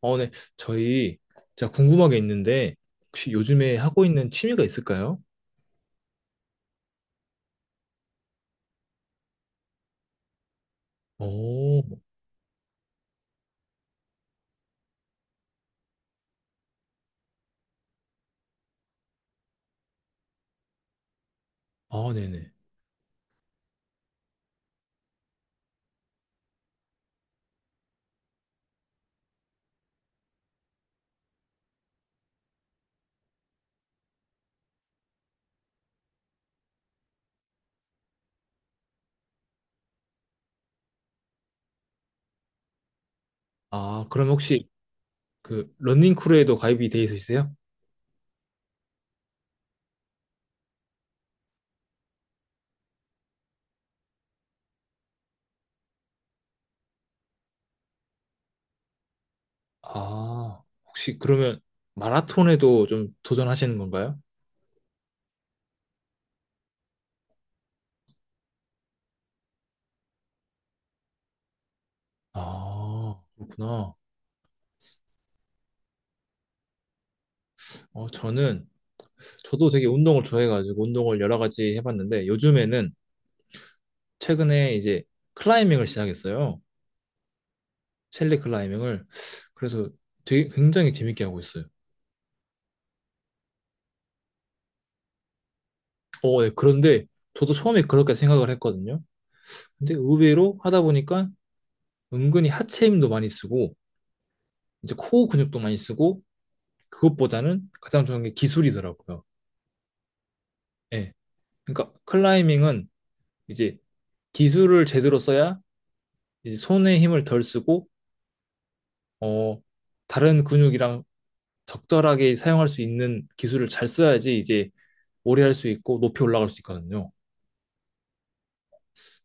어, 네. 저희, 제가 궁금한 게 있는데, 혹시 요즘에 하고 있는 취미가 있을까요? 오, 아, 네네. 아, 그럼 혹시 그 러닝 크루에도 가입이 돼 있으세요? 아, 혹시 그러면 마라톤에도 좀 도전하시는 건가요? 아, 그렇구나. 저는, 저도 되게 운동을 좋아해가지고 운동을 여러 가지 해봤는데, 요즘에는 최근에 이제 클라이밍을 시작했어요. 셸리 클라이밍을. 그래서 되게 굉장히 재밌게 하고 있어요. 어, 네. 그런데 저도 처음에 그렇게 생각을 했거든요. 근데 의외로 하다 보니까 은근히 하체 힘도 많이 쓰고, 이제 코어 근육도 많이 쓰고, 그것보다는 가장 중요한 게 기술이더라고요. 예. 그러니까 클라이밍은 이제 기술을 제대로 써야 이제 손의 힘을 덜 쓰고, 어, 다른 근육이랑 적절하게 사용할 수 있는 기술을 잘 써야지 이제 오래 할 수 있고 높이 올라갈 수 있거든요.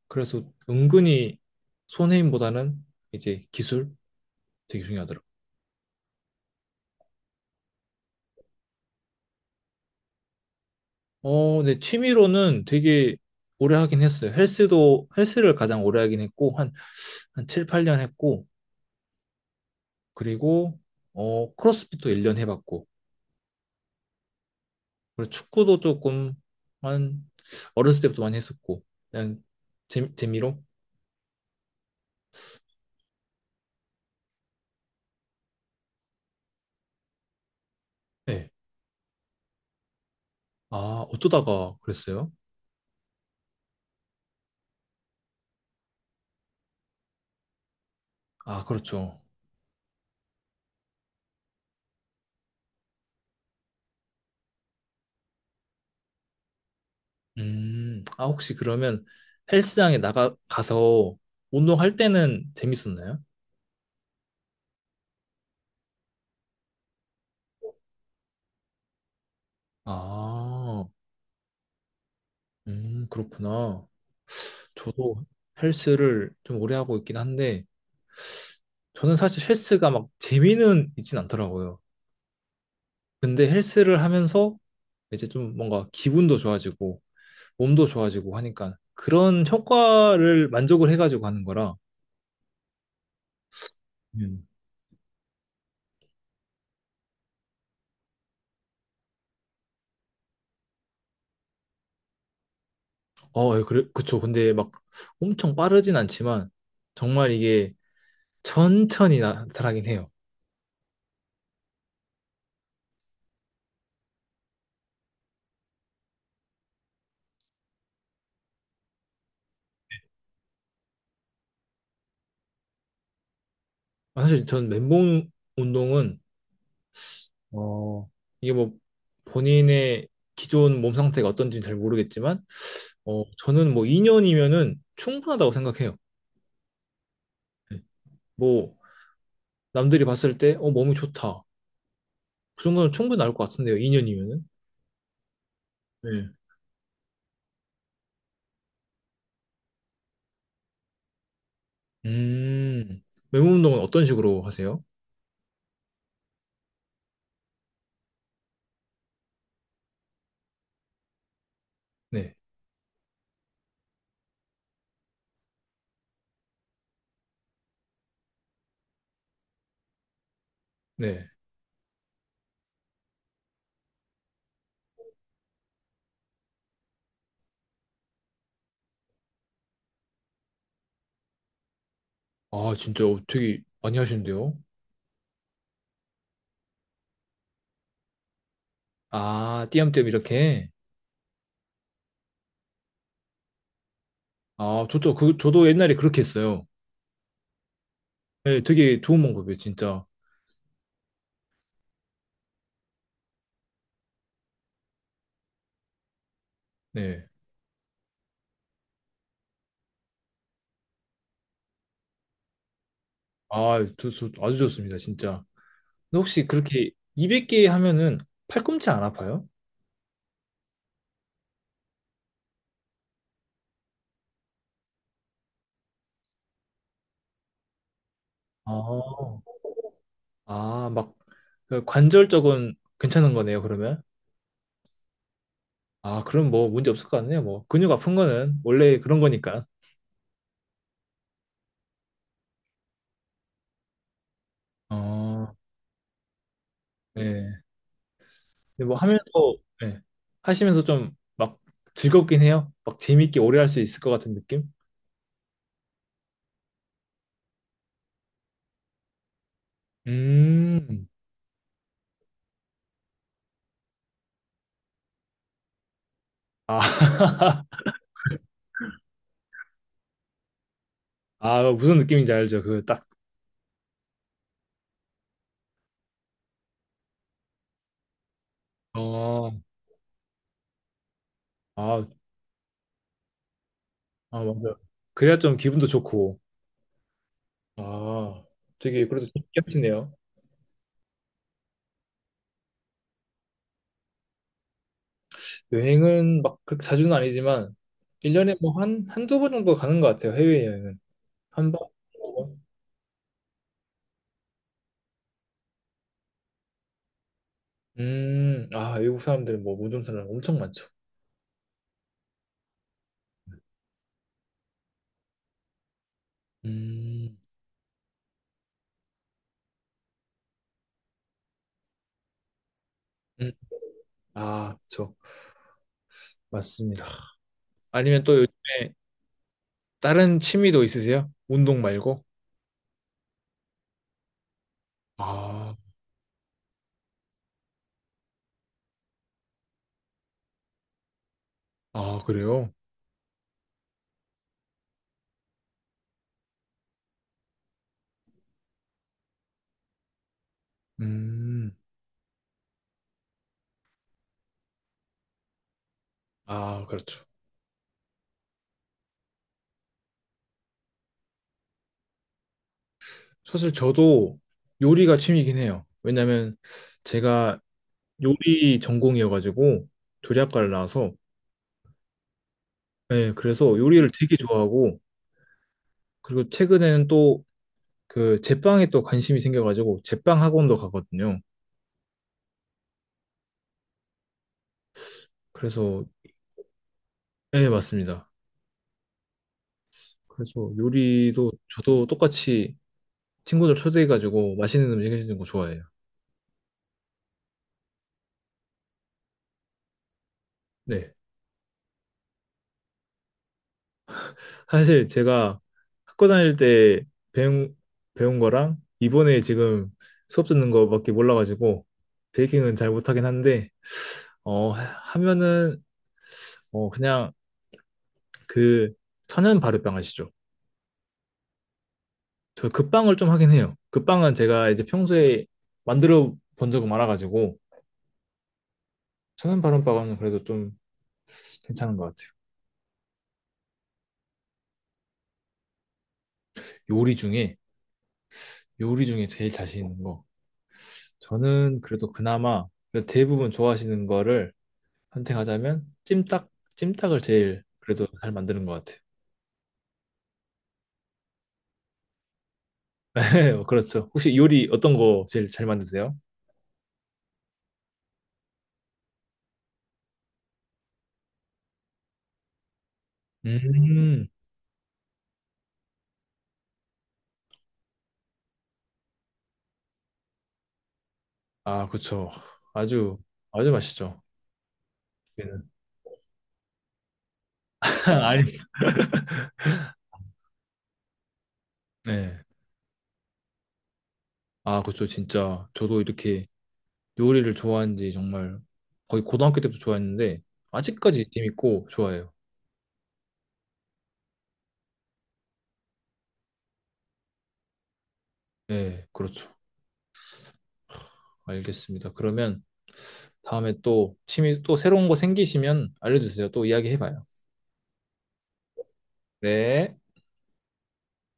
그래서 은근히 손의 힘보다는 이제 기술 되게 중요하더라고요. 어, 네, 취미로는 되게 오래 하긴 했어요. 헬스도, 헬스를 가장 오래 하긴 했고, 한, 한 7, 8년 했고, 그리고, 크로스핏도 1년 해봤고, 그리고 축구도 조금, 한, 어렸을 때부터 많이 했었고, 그냥, 재미로? 네. 아, 어쩌다가 그랬어요? 아, 그렇죠. 아, 혹시 그러면 가서 운동할 때는 재밌었나요? 아, 그렇구나. 저도 헬스를 좀 오래 하고 있긴 한데, 저는 사실 헬스가 막 재미는 있진 않더라고요. 근데 헬스를 하면서 이제 좀 뭔가 기분도 좋아지고, 몸도 좋아지고 하니까 그런 효과를 만족을 해가지고 하는 거라. 음. 어, 예, 그래, 그쵸. 근데 막 엄청 빠르진 않지만, 정말 이게 천천히 나타나긴 해요. 아, 사실 전 맨몸 운동은, 어, 이게 뭐 본인의 기존 몸 상태가 어떤지는 잘 모르겠지만, 저는 뭐 2년이면은 충분하다고 생각해요. 네. 뭐, 남들이 봤을 때, 몸이 좋다. 그 정도는 충분히 나올 것 같은데요, 2년이면은. 네. 음, 맨몸 운동은 어떤 식으로 하세요? 네, 네. 아, 진짜, 되게 많이 하시는데요? 아, 띄엄띄엄 이렇게? 아, 좋죠. 그, 저도 옛날에 그렇게 했어요. 네, 되게 좋은 방법이에요, 진짜. 네. 아, 아주 좋습니다, 진짜. 근데 혹시 그렇게 200개 하면은 팔꿈치 안 아파요? 아, 아, 막 그 관절 쪽은 괜찮은 거네요, 그러면. 아, 그럼 뭐 문제 없을 것 같네요. 뭐 근육 아픈 거는 원래 그런 거니까. 어, 예. 근데 뭐 하면서 예. 하시면서 좀 막 즐겁긴 해요. 막 재밌게 오래 할 수 있을 것 같은 느낌? 음. 아, 아 무슨 느낌인지 알죠? 그 딱. 어. 아, 아 맞아. 그래야 좀 기분도 좋고. 아, 되게 그래도 재밌게 하시네요. 여행은 막 그렇게 자주는 아니지만 1년에 뭐 한, 한두 번 정도 가는 것 같아요, 해외여행은. 한 번? 아, 외국 사람들은 뭐 모든 사람 엄청 많죠. 음, 음, 아, 그쵸. 맞습니다. 아니면 또 요즘에 다른 취미도 있으세요? 운동 말고? 아, 아, 그래요? 음, 아, 그렇죠. 사실 저도 요리가 취미이긴 해요. 왜냐면 제가 요리 전공이어가지고 조리학과를 나와서, 네, 그래서 요리를 되게 좋아하고, 그리고 최근에는 또 그 제빵에 또 관심이 생겨가지고 제빵 학원도 가거든요. 그래서, 예, 맞습니다. 그래서 요리도 저도 똑같이 친구들 초대해가지고 맛있는 음식 해주는 거 좋아해요. 네. 사실 제가 학교 다닐 때 배운, 배운 거랑 이번에 지금 수업 듣는 거밖에 몰라가지고 베이킹은 잘 못하긴 한데, 어, 하- 하면은, 그냥 그 천연 발효빵 아시죠? 저 그 빵을 좀 하긴 해요. 그 빵은 제가 이제 평소에 만들어 본 적은 많아가지고, 천연 발효빵은 그래도 좀 괜찮은 것 같아요. 요리 중에 요리 중에 제일 자신 있는 거. 저는 그래도 그나마 그래도 대부분 좋아하시는 거를 선택하자면 찜닭을 제일 그래도 잘 만드는 것 같아요. 그렇죠. 혹시 요리 어떤 거 제일 잘 만드세요? 음, 아, 그쵸. 아주, 아주 맛있죠. 얘는. 아니. 네. 아, 그쵸. 진짜. 저도 이렇게 요리를 좋아한 지 정말 거의 고등학교 때부터 좋아했는데, 아직까지 재밌고 좋아해요. 네, 그렇죠. 알겠습니다. 그러면 다음에 또 취미 또 새로운 거 생기시면 알려주세요. 또 이야기해봐요. 네.